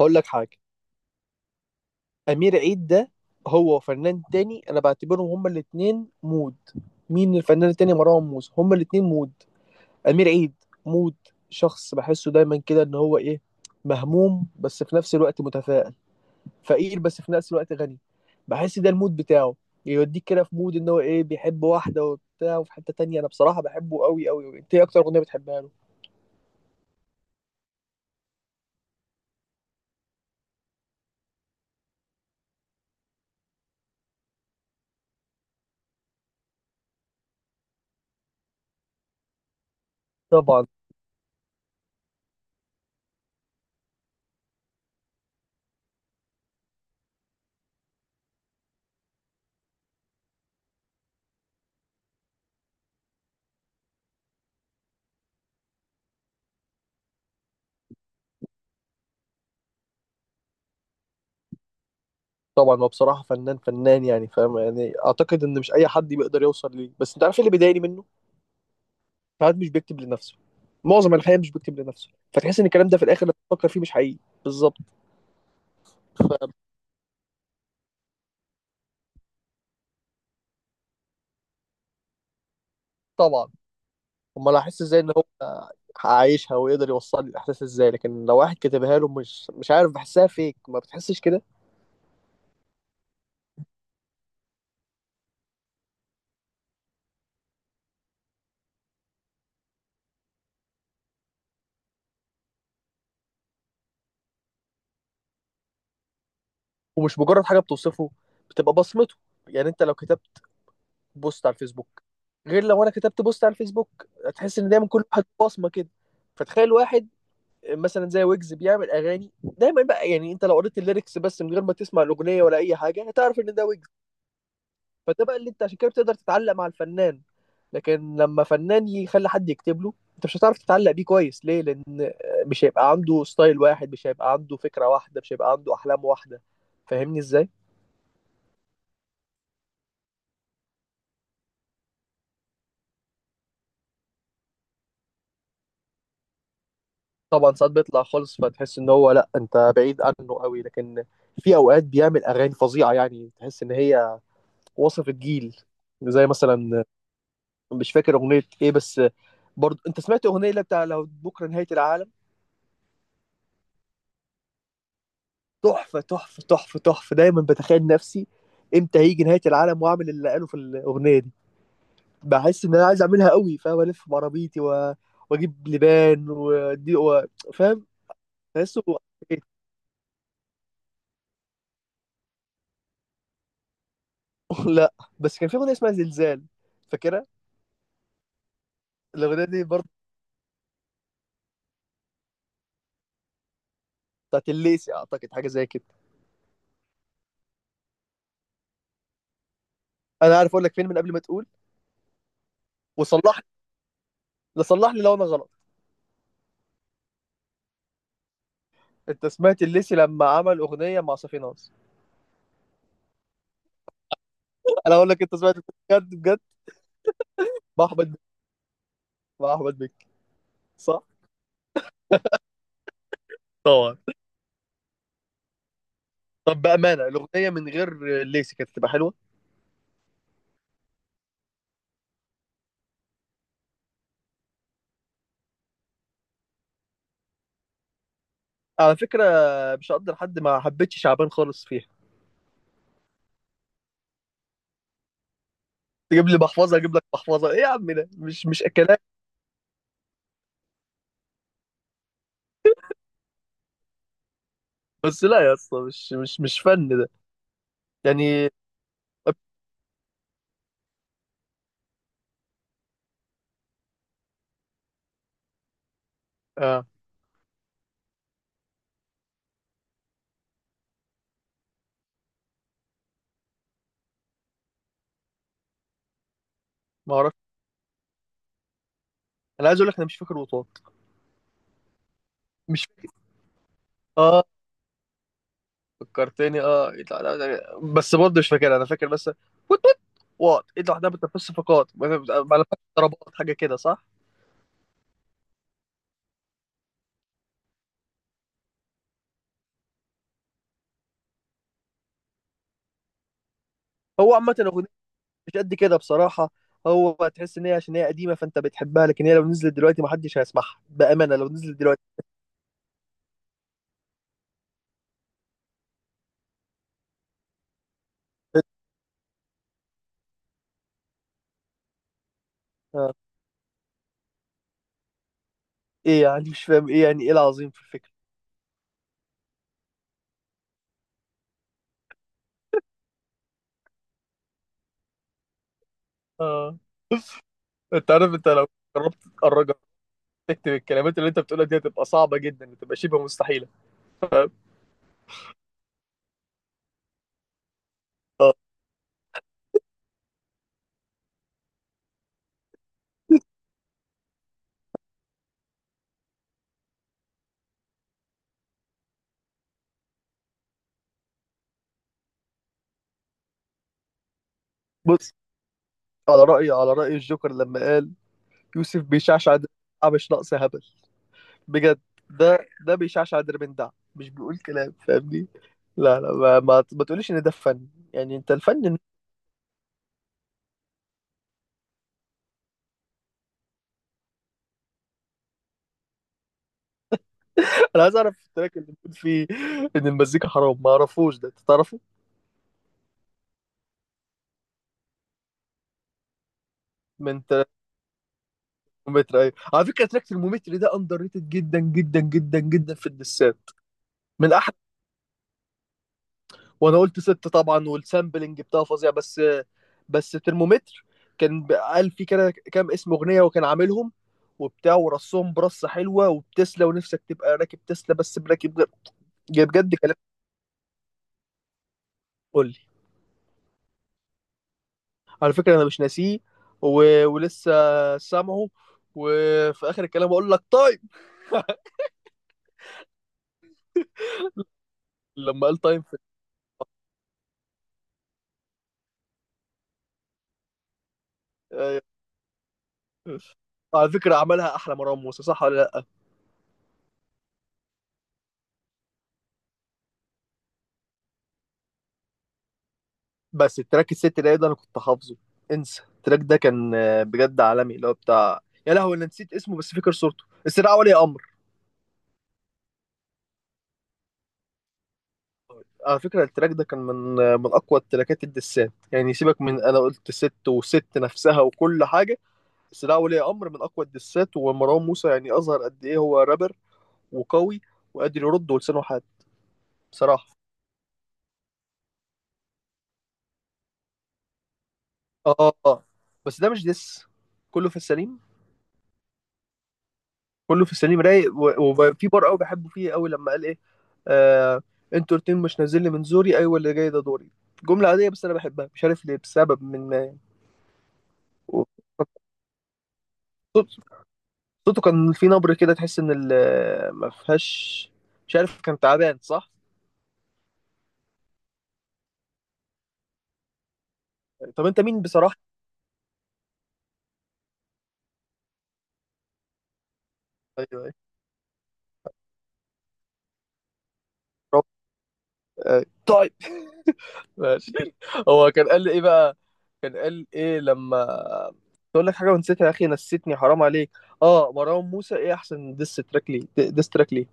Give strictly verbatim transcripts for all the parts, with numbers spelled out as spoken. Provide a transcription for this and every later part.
هقول لك حاجة. أمير عيد ده، هو وفنان تاني أنا بعتبرهم هما الاتنين مود. مين الفنان التاني؟ مروان موسى. هما الاتنين مود. أمير عيد مود. شخص بحسه دايما كده إن هو إيه، مهموم بس في نفس الوقت متفائل، فقير بس في نفس الوقت غني. بحس ده المود بتاعه. يوديك كده في مود إن هو إيه، بيحب واحدة وبتاع، وفي حتة تانية. أنا بصراحة بحبه قوي قوي. أنت إيه أكتر أغنية بتحبها له؟ طبعا. طبعا، هو بصراحة فنان فنان، يعني فاهم، يعني أعتقد إن مش أي حد بيقدر يوصل ليه. بس أنت عارف إيه اللي بيضايقني منه؟ ساعات مش بيكتب لنفسه. معظم الحقيقه مش بيكتب لنفسه، فتحس ان الكلام ده في الاخر لما تفكر فيه مش حقيقي. بالظبط. ف- طبعا. امال هحس ازاي ان هو عايشها ويقدر يوصل لي الاحساس ازاي؟ لكن لو واحد كتبها له، مش مش عارف، بحسها فيك، ما بتحسش كده. ومش مجرد حاجه بتوصفه، بتبقى بصمته. يعني انت لو كتبت بوست على الفيسبوك، غير لو انا كتبت بوست على الفيسبوك، هتحس ان دايما كل واحد بصمه كده. فتخيل واحد مثلا زي ويجز بيعمل اغاني دايما، بقى يعني انت لو قريت الليركس بس من غير ما تسمع الاغنيه ولا اي حاجه، هتعرف ان ده ويجز. فده بقى اللي انت عشان كده بتقدر تتعلق مع الفنان. لكن لما فنان يخلي حد يكتب له، انت مش هتعرف تتعلق بيه كويس. ليه؟ لان مش هيبقى عنده ستايل واحد، مش هيبقى عنده فكرة واحدة، مش هيبقى عنده احلام واحدة. فاهمني ازاي؟ طبعا، ساعات بيطلع خالص فتحس ان هو لا، انت بعيد عنه قوي. لكن في اوقات بيعمل اغاني فظيعة، يعني تحس ان هي وصف الجيل. زي مثلا، مش فاكر اغنية ايه، بس برضه انت سمعت اغنية اللي بتاع لو بكرة نهاية العالم؟ تحفه تحفه تحفه تحفه. دايما بتخيل نفسي امتى هيجي نهايه العالم واعمل اللي قاله في الاغنيه دي. بحس ان انا عايز اعملها قوي، فاهم؟ الف بعربيتي و... واجيب لبان ودي و... فاهم، بحسه. إيه. لا، بس كان في اغنيه اسمها زلزال، فاكرها؟ الاغنيه دي برضه بتاعت الليسي اعتقد، حاجه زي كده. انا عارف اقول لك فين من قبل ما تقول، وصلح لي، صلح لي لو انا غلط. انت سمعت الليسي لما عمل اغنيه مع صافي ناصر؟ انا اقول لك انت سمعت. بجد بجد. مع احمد مكي- مع احمد مكي. صح. طبعا. طب بأمانة، الأغنية من غير ليسي كانت هتبقى حلوة. على فكرة مش هقدر حد، ما حبيتش شعبان خالص فيها. تجيب لي محفظة أجيب لك محفظة، إيه يا عم؟ ده مش مش أكلات. بس لا يا اسطى، مش مش مش فن ده. يعني آه. ما أعرف. أنا عايز أقول لك أنا مش فاكر وطاط. مش فاكر. آه، فكرتني. آه، إيه ده- ده- ده- بس برضه مش فاكر. أنا فاكر بس وات وات. وات إيه لوحدها بتنفس صفقات، ما ما- ما لفتش ضربات، حاجة كده صح؟ هو عامة أغنية مش قد كده بصراحة. هو تحس ان هي عشان هي قديمة فانت بتحبها، لكن هي لو نزلت دلوقتي محدش هيسمعها بأمانة لو نزلت دلوقتي. آه. ايه يعني؟ مش فاهم ايه يعني، ايه العظيم في الفكرة؟ اه. انت عارف، انت لو جربت تتأرجها، تكتب الكلمات اللي انت بتقولها دي، هتبقى صعبة جدا، بتبقى شبه مستحيلة. فاهم؟ آه. بص، على رأيي، على رأي الجوكر لما قال، يوسف بيشعشع دربندع مش ناقص هبل. بجد، ده ده بيشعشع دربندع، مش بيقول كلام. فاهمني؟ لا لا، ما, ما, ما تقوليش ان ده فن. يعني انت الفن. انا عايز اعرف التراك اللي بتقول فيه ان المزيكا حرام، ما اعرفوش، ده انت تعرفه. من ترمومتر. ايوه، على فكره تراك ترمومتر ده اندر ريتد جدا جدا جدا جدا في الدسات. من احلى. وانا قلت ست طبعا، والسامبلنج بتاعه فظيع، بس. بس ترمومتر كان ب- قال فيه كده كام اسم اغنيه، وكان عاملهم وبتاع، ورصهم برصه حلوه. وبتسلا، ونفسك تبقى راكب تسلا بس براكب غير. جاي بجد كلام. قول لي. على فكره انا مش ناسيه و... ولسه سامعه. وفي اخر الكلام اقول لك طيب لما قال تايم في. أيوة. على فكرة عملها أحلى مروان موسى، صح ولا لأ؟ بس التراك الست ده، ده أنا كنت حافظه. انسى، التراك ده كان آه، بجد عالمي، اللي هو بتاع، يا لهوي أنا نسيت اسمه، بس فاكر صورته، استدعاء ولي أمر. على فكرة التراك ده كان من آه، من أقوى التراكات الدسات، يعني سيبك من أنا قلت ست وست نفسها وكل حاجة. استدعاء ولي أمر من أقوى الدسات، ومروان موسى يعني أظهر قد إيه هو رابر، وقوي، وقادر يرد ولسانه حاد. بصراحة. آه آه. آه. بس ده مش دس، كله في السليم. كله في السليم رايق، و- وفي بار قوي بحبه فيه قوي لما قال ايه. آه. انتوا الاتنين مش نازل لي من زوري، ايوه اللي جاي ده دوري. جملة عادية بس انا بحبها، مش عارف ليه، بسبب من و- صوته. كان في نبرة كده تحس ان ال- ما فيهاش، مش عارف، كان تعبان، صح؟ طب انت مين بصراحة؟ ايوه ايوه. رب- أيوة. طيب. ماشي. هو كان قال لي ايه بقى؟ كان قال ايه لما تقول لك حاجة ونسيتها؟ يا اخي نسيتني، حرام عليك. اه، مروان موسى، ايه احسن ديس تراك ليه، ديس تراك ليه.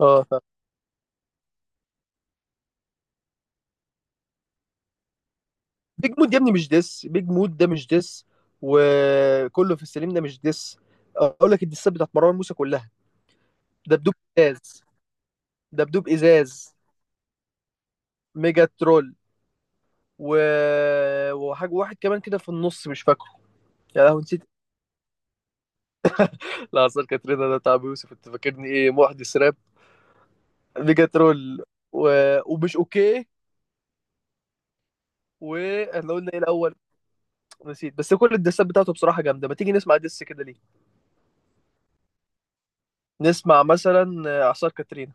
اه، بيج مود يا ابني مش ديس. بيج مود ده مش ديس، وكله في السليم ده مش ديس. اقول لك الديسات بتاعت مروان موسى كلها. دبدوب، ازاز. دبدوب، ازاز، ميجا ترول و... وحاجه واحد كمان كده في النص مش فاكره. يا لهوي نسيت. لا، اصل كاترينا ده بتاع أبو يوسف، انت فاكرني ايه، محدث راب؟ ميجا ترول، و... ومش اوكي. واحنا قلنا ايه الاول؟ نسيت. بس كل الدسات بتاعته بصراحه جامده. ما تيجي نسمع دس كده؟ ليه، نسمع مثلا آه، اعصار كاترينا.